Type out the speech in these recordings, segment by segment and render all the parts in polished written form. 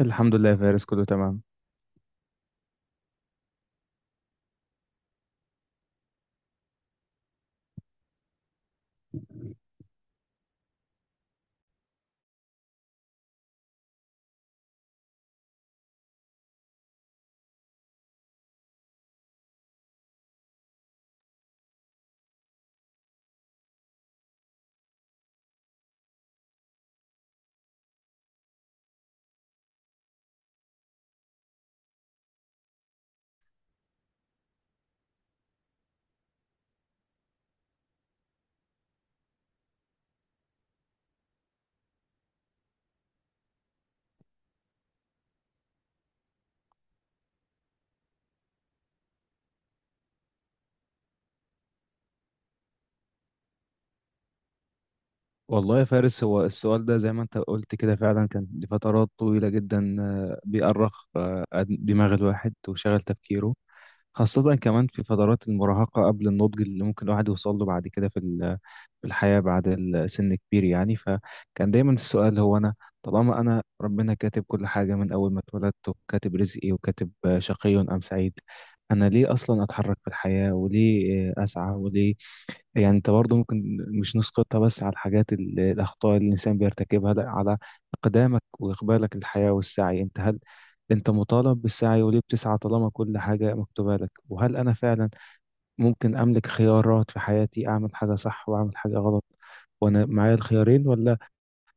الحمد لله يا فارس، كله تمام. والله يا فارس، هو السؤال ده زي ما انت قلت كده فعلا كان لفترات طويلة جدا بيأرخ دماغ الواحد وشغل تفكيره. خاصة كمان في فترات المراهقة قبل النضج اللي ممكن الواحد يوصل له بعد كده في الحياة بعد السن كبير يعني. فكان دايما السؤال هو أنا، طالما أنا ربنا كاتب كل حاجة من أول ما اتولدت، وكاتب رزقي، وكاتب شقي أم سعيد، أنا ليه أصلا أتحرك في الحياة وليه أسعى وليه؟ يعني انت برضه ممكن مش نسقطها بس على الحاجات الاخطاء اللي الانسان بيرتكبها، لا، على اقدامك واقبالك للحياه والسعي. انت، هل انت مطالب بالسعي؟ وليه بتسعى طالما كل حاجه مكتوبه لك؟ وهل انا فعلا ممكن املك خيارات في حياتي، اعمل حاجه صح واعمل حاجه غلط وانا معايا الخيارين، ولا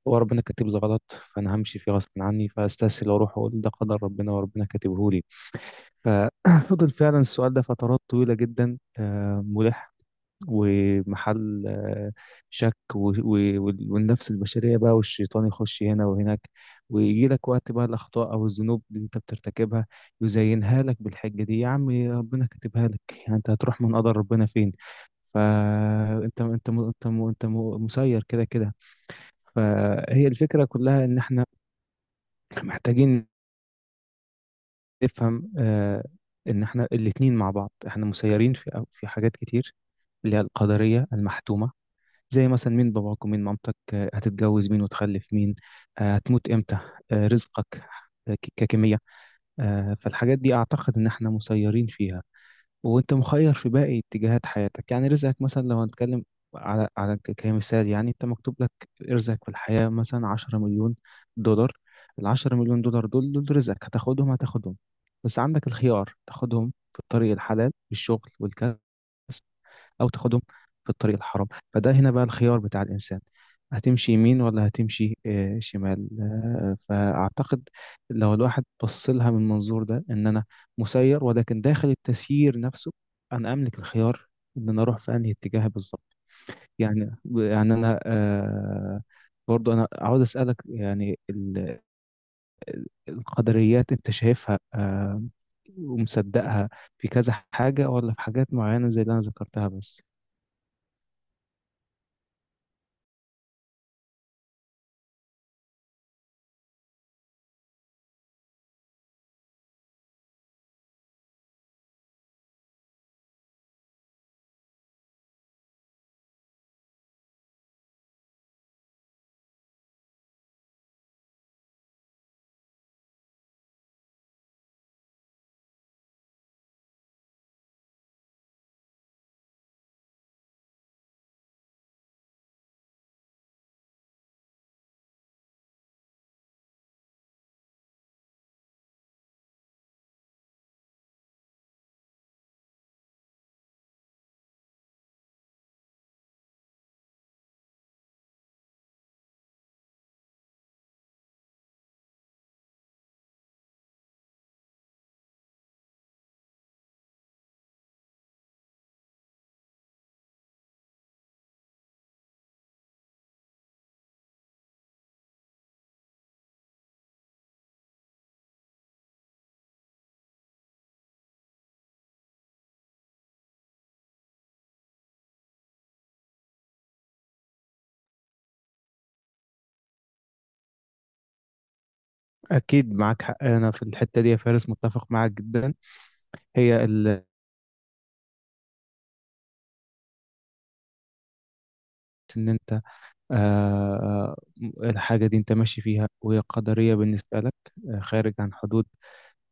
هو ربنا كاتب لي غلط فانا همشي فيه غصب عني، فاستسهل واروح اقول ده قدر ربنا وربنا كاتبه لي؟ ففضل فعلا السؤال ده فترات طويله جدا ملح ومحل شك، والنفس البشرية بقى، والشيطان يخش هنا وهناك، ويجي لك وقت بقى الأخطاء أو الذنوب اللي أنت بترتكبها يزينها لك بالحجة دي: يا عم ربنا كاتبها لك، يعني أنت هتروح من قدر ربنا فين؟ فانت مسير كده كده. فهي الفكره كلها ان احنا محتاجين نفهم ان احنا الاتنين مع بعض، احنا مسيرين في حاجات كتير، اللي هي القدريه المحتومه. زي مثلا مين باباك ومين مامتك، هتتجوز مين وتخلف مين، هتموت امتى، رزقك ككمية. فالحاجات دي اعتقد ان احنا مسيرين فيها، وانت مخير في باقي اتجاهات حياتك يعني. رزقك مثلا لو هنتكلم على كمثال، يعني انت مكتوب لك رزقك في الحياة مثلا 10 مليون دولار. 10 مليون دولار دول، رزقك، هتاخدهم، بس عندك الخيار تاخدهم في الطريق الحلال بالشغل والكسب، او تاخدهم في الطريق الحرام. فده هنا بقى الخيار بتاع الانسان، هتمشي يمين ولا هتمشي شمال؟ فاعتقد لو الواحد بص لها من المنظور ده، ان انا مسير، ولكن داخل التسيير نفسه انا املك الخيار ان انا اروح في انهي اتجاه بالظبط. يعني يعني انا، برضو انا عاوز اسالك يعني، القدريات انت شايفها ومصدقها في كذا حاجه، ولا في حاجات معينه زي اللي انا ذكرتها بس؟ أكيد معاك حق أنا في الحتة دي يا فارس، متفق معاك جدا. هي إن أنت، آه، الحاجة دي أنت ماشي فيها وهي قدرية بالنسبة لك، خارج عن حدود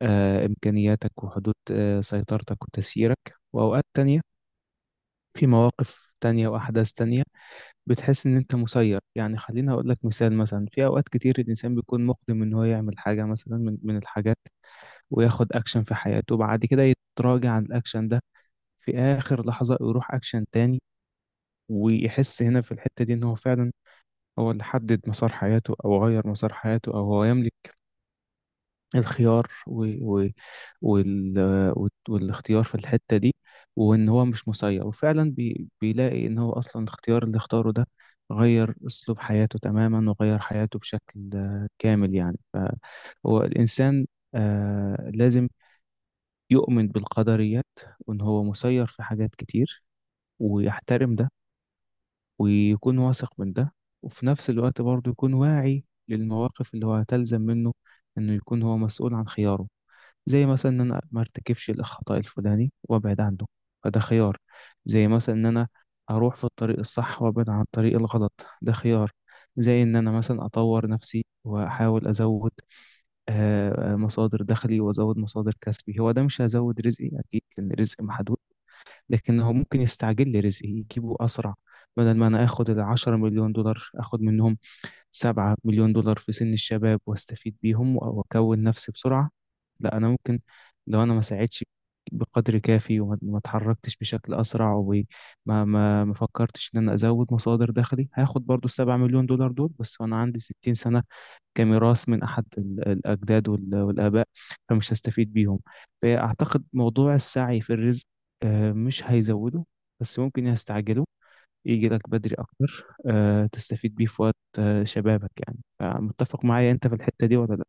إمكانياتك وحدود سيطرتك وتسييرك. وأوقات تانية، في مواقف تانية وأحداث تانية، بتحس إن أنت مسير. يعني خليني أقول لك مثال. مثلا في أوقات كتير الإنسان بيكون مقدم إن هو يعمل حاجة مثلا من الحاجات، وياخد أكشن في حياته، وبعد كده يتراجع عن الأكشن ده في آخر لحظة، يروح أكشن تاني. ويحس هنا في الحتة دي إن هو فعلا هو اللي حدد مسار حياته أو غير مسار حياته أو هو يملك الخيار و... وال... والاختيار في الحتة دي، وإن هو مش مسير. وفعلا بيلاقي إن هو أصلا الاختيار اللي اختاره ده غير أسلوب حياته تماما وغير حياته بشكل كامل يعني. فهو الإنسان لازم يؤمن بالقدريات، وإن هو مسير في حاجات كتير، ويحترم ده، ويكون واثق من ده. وفي نفس الوقت برضه يكون واعي للمواقف اللي هو هتلزم منه إنه يكون هو مسؤول عن خياره. زي مثلا إن أنا ما ارتكبش الخطأ الفلاني وأبعد عنه، فده خيار. زي مثلا إن أنا أروح في الطريق الصح وأبعد عن الطريق الغلط، ده خيار. زي إن أنا مثلا أطور نفسي وأحاول أزود مصادر دخلي وأزود مصادر كسبي. هو ده مش هزود رزقي أكيد، لأن الرزق محدود، لكن هو ممكن يستعجل لي رزقي، يجيبه أسرع. بدل ما أنا آخد 10 مليون دولار، آخد منهم 7 مليون دولار في سن الشباب واستفيد بيهم وأكون نفسي بسرعة. لا، أنا ممكن لو أنا ما ساعدتش بقدر كافي وما ما اتحركتش بشكل أسرع وما ما ما فكرتش إن أنا أزود مصادر دخلي، هاخد برضو 7 مليون دولار دول بس وأنا عندي 60 سنة، كميراث من أحد الأجداد والآباء، فمش هستفيد بيهم. فأعتقد موضوع السعي في الرزق مش هيزوده، بس ممكن يستعجله، يجي لك بدري أكتر تستفيد بيه في وقت شبابك يعني. فمتفق معايا أنت في الحتة دي ولا لأ؟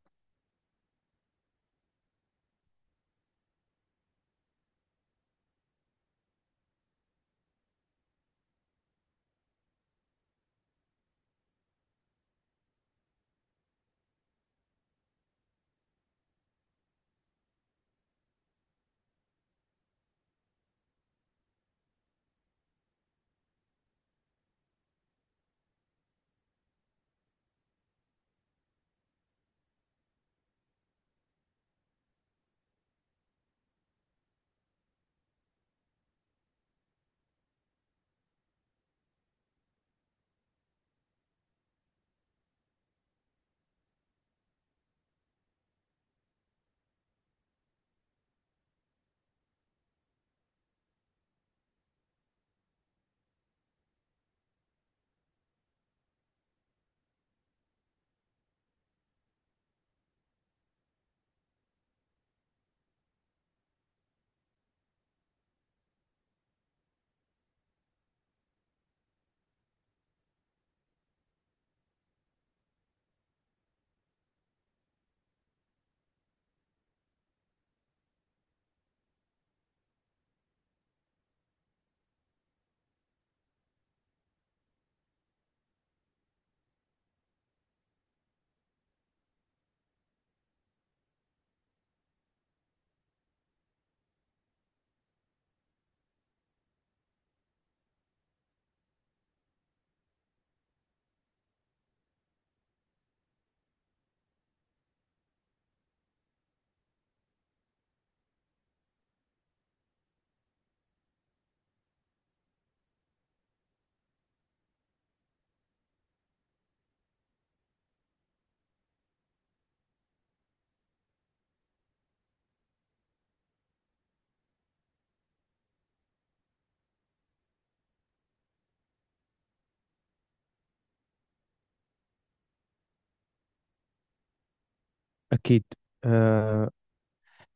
أكيد. آه،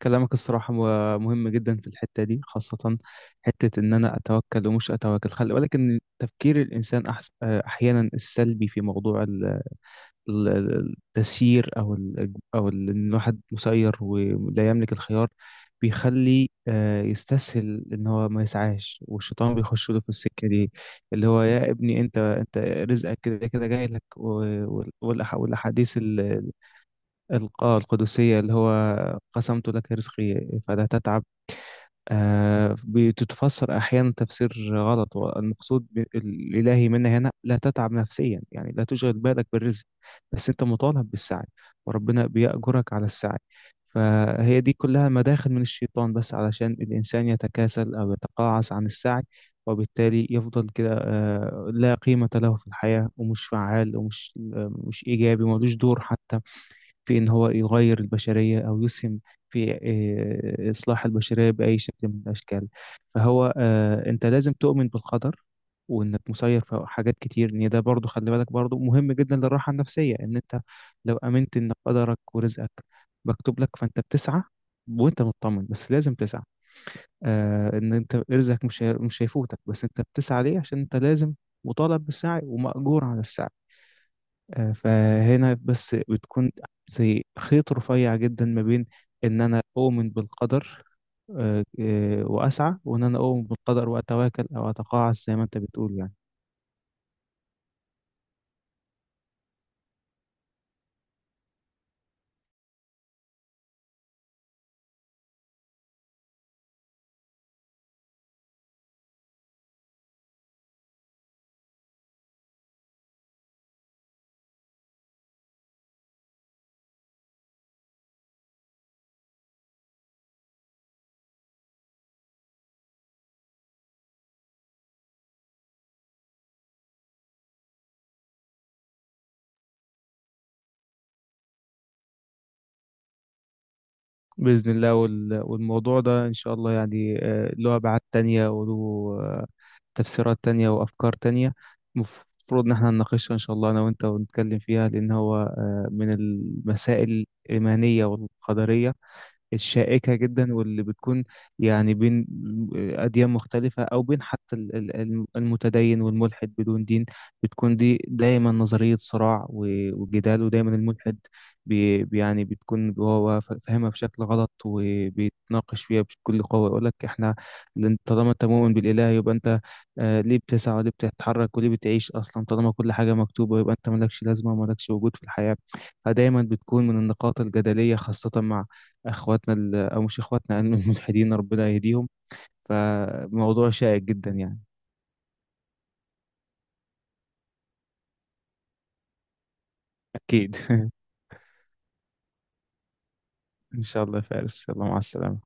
كلامك الصراحة مهم جدا في الحتة دي، خاصة حتة إن أنا أتوكل ومش أتوكل. خلي بالك إن تفكير الإنسان أحس... آه، أحيانا السلبي في موضوع التسيير، ان الواحد مسير ولا يملك الخيار، بيخلي يستسهل ان هو ما يسعاش، والشيطان بيخش له في السكه دي. اللي هو: يا ابني انت رزقك كده كده جاي لك. والاحاديث القدسيه اللي هو «قسمت لك رزقي فلا تتعب» بتتفسر أحيانا تفسير غلط. والمقصود الإلهي منا هنا لا تتعب نفسيا، يعني لا تشغل بالك بالرزق، بس أنت مطالب بالسعي، وربنا بيأجرك على السعي. فهي دي كلها مداخل من الشيطان، بس علشان الإنسان يتكاسل أو يتقاعس عن السعي، وبالتالي يفضل كده لا قيمة له في الحياة ومش فعال ومش آه، مش إيجابي، ملوش دور حتى في إن هو يغير البشرية أو يسهم في إصلاح البشرية بأي شكل من الأشكال. فهو أنت لازم تؤمن بالقدر وإنك مسير في حاجات كتير. إن ده برضو، خلي بالك، برضو مهم جدا للراحة النفسية. إن أنت لو آمنت إن قدرك ورزقك مكتوب لك، فأنت بتسعى وانت مطمن، بس لازم تسعى. ان انت رزقك مش هيفوتك، بس انت بتسعى ليه؟ عشان انت لازم، مطالب بالسعي ومأجور على السعي. فهنا بس بتكون زي خيط رفيع جدا ما بين ان انا اؤمن بالقدر واسعى، وان انا اؤمن بالقدر واتواكل او اتقاعس زي ما انت بتقول يعني. باذن الله. والموضوع ده ان شاء الله يعني له ابعاد تانية وله آه، تفسيرات تانية وافكار تانية، المفروض ان احنا نناقشها ان شاء الله انا وانت ونتكلم فيها، لان هو من المسائل الايمانية والقدرية الشائكة جدا، واللي بتكون يعني بين أديان مختلفة أو بين حتى المتدين والملحد بدون دين. بتكون دي دايما نظرية صراع وجدال، ودايما الملحد يعني بتكون هو فاهمها بشكل غلط وبيتناقش فيها بكل قوة. يقول لك: احنا، لأن طالما انت مؤمن بالإله يبقى انت، ليه بتسعى وليه بتتحرك وليه بتعيش أصلا؟ طالما كل حاجة مكتوبة يبقى انت مالكش لازمة ومالكش وجود في الحياة. فدايما بتكون من النقاط الجدلية، خاصة مع اخواتنا او مش اخواتنا يعني، الملحدين، ربنا يهديهم. فموضوع شائك جدا يعني. اكيد ان شاء الله يا فارس، يلا مع السلامة.